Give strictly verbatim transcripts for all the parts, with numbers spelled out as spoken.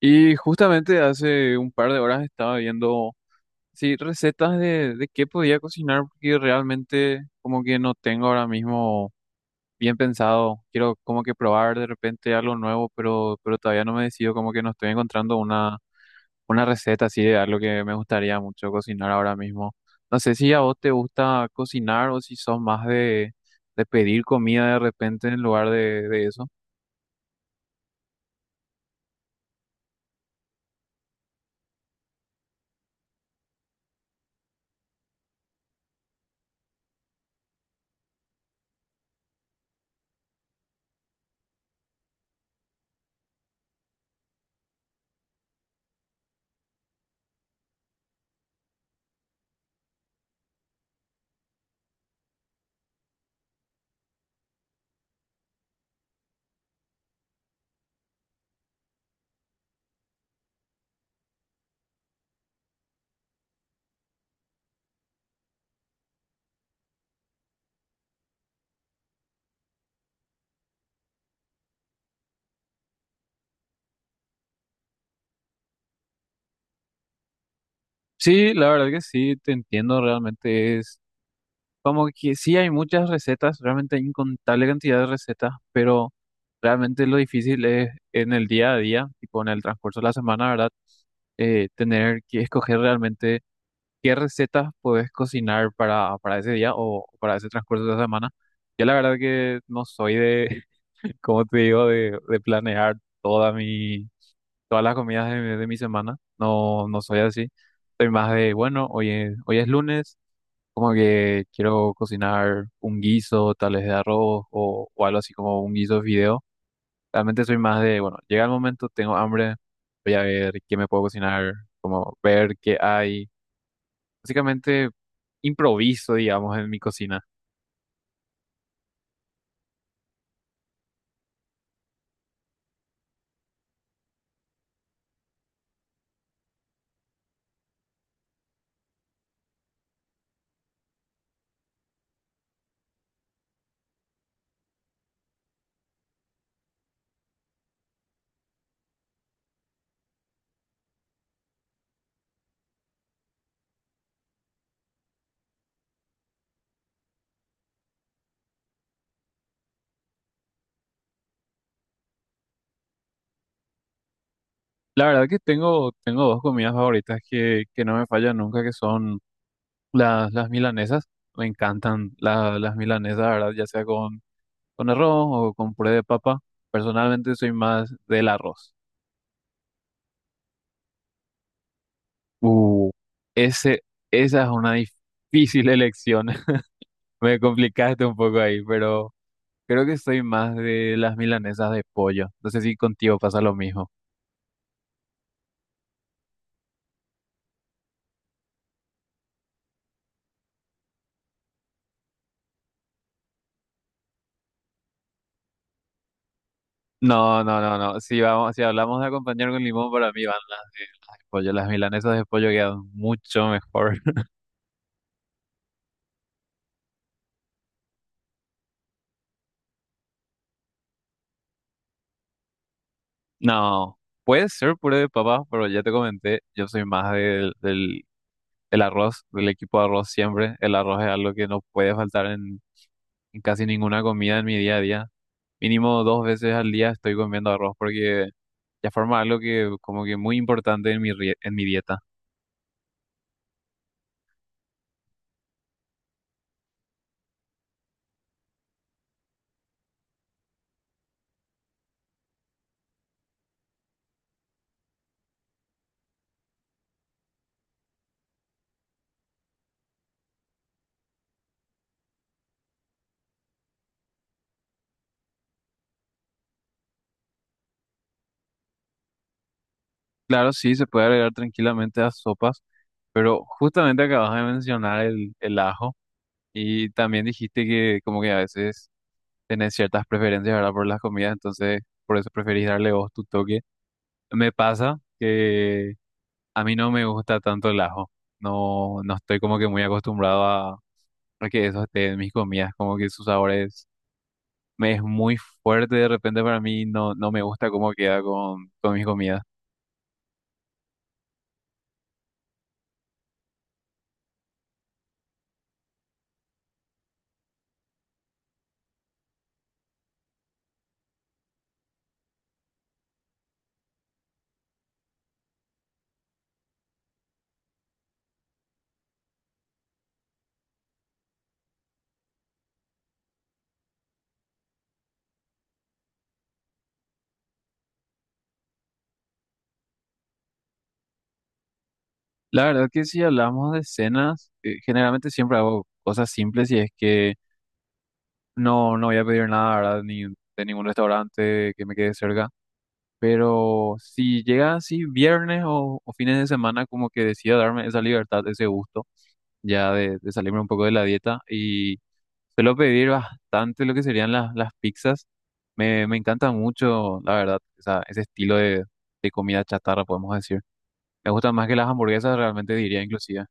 Y justamente hace un par de horas estaba viendo, sí, recetas de, de qué podía cocinar, porque realmente como que no tengo ahora mismo bien pensado. Quiero como que probar de repente algo nuevo, pero, pero todavía no me decido, como que no estoy encontrando una, una receta así de algo que me gustaría mucho cocinar ahora mismo. No sé si a vos te gusta cocinar o si sos más de, de pedir comida de repente en lugar de, de eso. Sí, la verdad que sí, te entiendo realmente. Como que sí hay muchas recetas, realmente hay incontable cantidad de recetas, pero realmente lo difícil es en el día a día, tipo en el transcurso de la semana, ¿verdad? Eh, tener que escoger realmente qué recetas puedes cocinar para, para ese día o para ese transcurso de la semana. Yo la verdad que no soy de, como te digo, de, de planear toda mi, todas las comidas de, mi de mi semana. No, no soy así. Soy más de, bueno, hoy es- hoy es lunes. Como que quiero cocinar un guiso, tal vez de arroz o, o algo así como un guiso de fideo. Realmente soy más de, bueno, llega el momento, tengo hambre, voy a ver qué me puedo cocinar, como ver qué hay. Básicamente improviso, digamos, en mi cocina. La verdad que tengo, tengo dos comidas favoritas que, que no me fallan nunca, que son las, las milanesas. Me encantan la- las milanesas, la ¿verdad? Ya sea con, con arroz o con puré de papa. Personalmente soy más del arroz. Uh, ese, esa es una difícil elección. Me complicaste un poco ahí, pero creo que soy más de las milanesas de pollo. No sé si contigo pasa lo mismo. No, no, no, no. Si vamos, si hablamos de acompañar con limón, para mí van las de, las de pollo. Las milanesas de pollo quedan mucho mejor. No, puede ser puré de papas, pero ya te comenté, yo soy más del, del, del arroz, del equipo de arroz siempre. El arroz es algo que no puede faltar en en casi ninguna comida en mi día a día. Mínimo dos veces al día estoy comiendo arroz porque ya forma algo que como que muy importante en mi, rie- en mi dieta. Claro, sí, se puede agregar tranquilamente a sopas, pero justamente acabas de mencionar el, el ajo y también dijiste que como que a veces tenés ciertas preferencias, ¿verdad? Por las comidas, entonces por eso preferís darle vos tu toque. Me pasa que a mí no me gusta tanto el ajo, no, no estoy como que muy acostumbrado a, a que eso esté en mis comidas, como que sus sabores me es muy fuerte de repente para mí, no, no me gusta cómo queda con, con mis comidas. La verdad que si hablamos de cenas, eh, generalmente siempre hago cosas simples y es que no, no voy a pedir nada, ¿verdad? Ni de ningún restaurante que me quede cerca. Pero si llega así viernes o, o fines de semana, como que decido darme esa libertad, ese gusto. Ya de, de salirme un poco de la dieta y suelo pedir bastante lo que serían las, las pizzas. Me, me encanta mucho, la verdad, esa- ese estilo de, de comida chatarra, podemos decir. Me gustan más que las hamburguesas, realmente diría inclusive.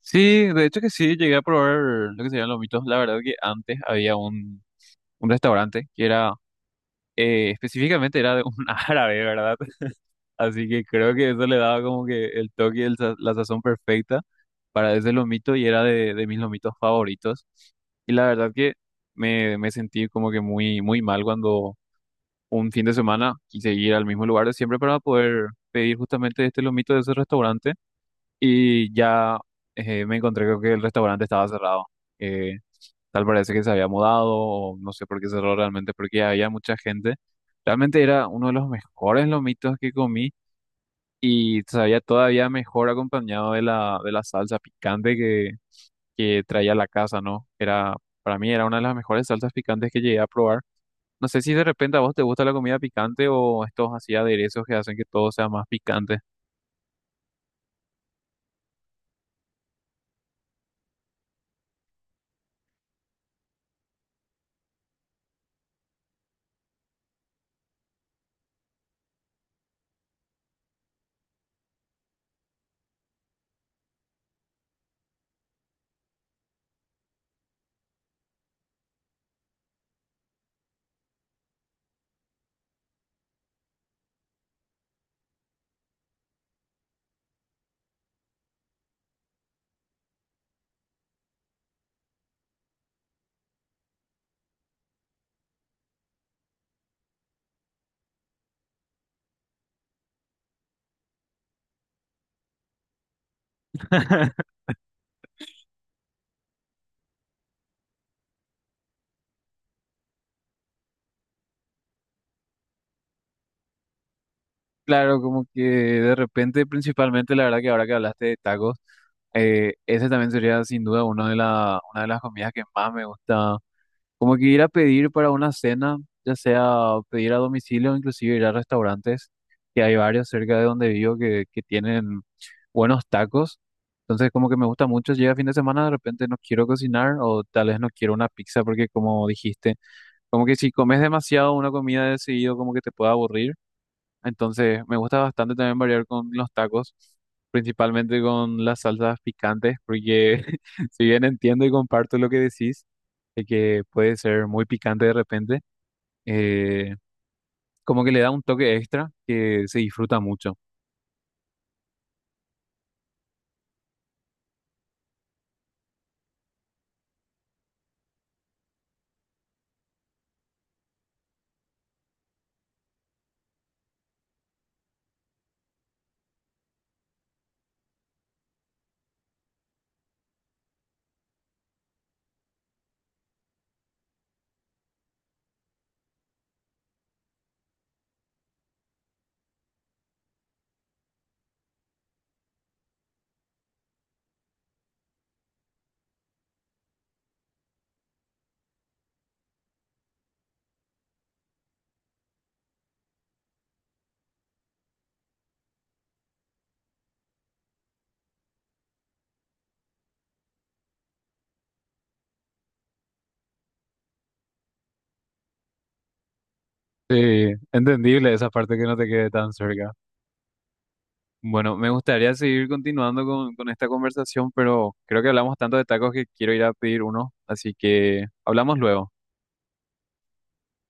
Sí, de hecho que sí, llegué a probar lo que serían los mitos. La verdad que antes había un, un restaurante que era, eh, específicamente era de un árabe, ¿verdad? Así que creo que eso le daba como que el toque y el sa- la sazón perfecta para ese lomito y era de, de mis lomitos favoritos. Y la verdad que me, me sentí como que muy, muy mal cuando un fin de semana quise ir al mismo lugar de siempre para poder pedir justamente este lomito de ese restaurante y ya eh, me encontré con que el restaurante estaba cerrado. Eh, Tal parece que se había mudado o no sé por qué cerró realmente porque había mucha gente. Realmente era uno de los mejores lomitos que comí y sabía todavía mejor acompañado de la, de la salsa picante que, que traía la casa, ¿no? Era, para mí era una de las mejores salsas picantes que llegué a probar. No sé si de repente a vos te gusta la comida picante o estos así aderezos que hacen que todo sea más picante. Claro, como que de repente, principalmente, la verdad que ahora que hablaste de tacos, eh, ese también sería sin duda una de la, una de las comidas que más me gusta. Como que ir a pedir para una cena, ya sea pedir a domicilio o inclusive ir a restaurantes, que hay varios cerca de donde vivo que, que tienen buenos tacos. Entonces como que me gusta mucho, llega fin de semana, de repente no quiero cocinar o tal vez no quiero una pizza porque como dijiste, como que si comes demasiado una comida de seguido como que te puede aburrir. Entonces, me gusta bastante también variar con los tacos, principalmente con las salsas picantes, porque si bien entiendo y comparto lo que decís, de que puede ser muy picante de repente, eh, como que le da un toque extra que se disfruta mucho. Sí, entendible esa parte que no te quede tan cerca. Bueno, me gustaría seguir continuando con, con esta conversación, pero creo que hablamos tanto de tacos que quiero ir a pedir uno, así que hablamos luego.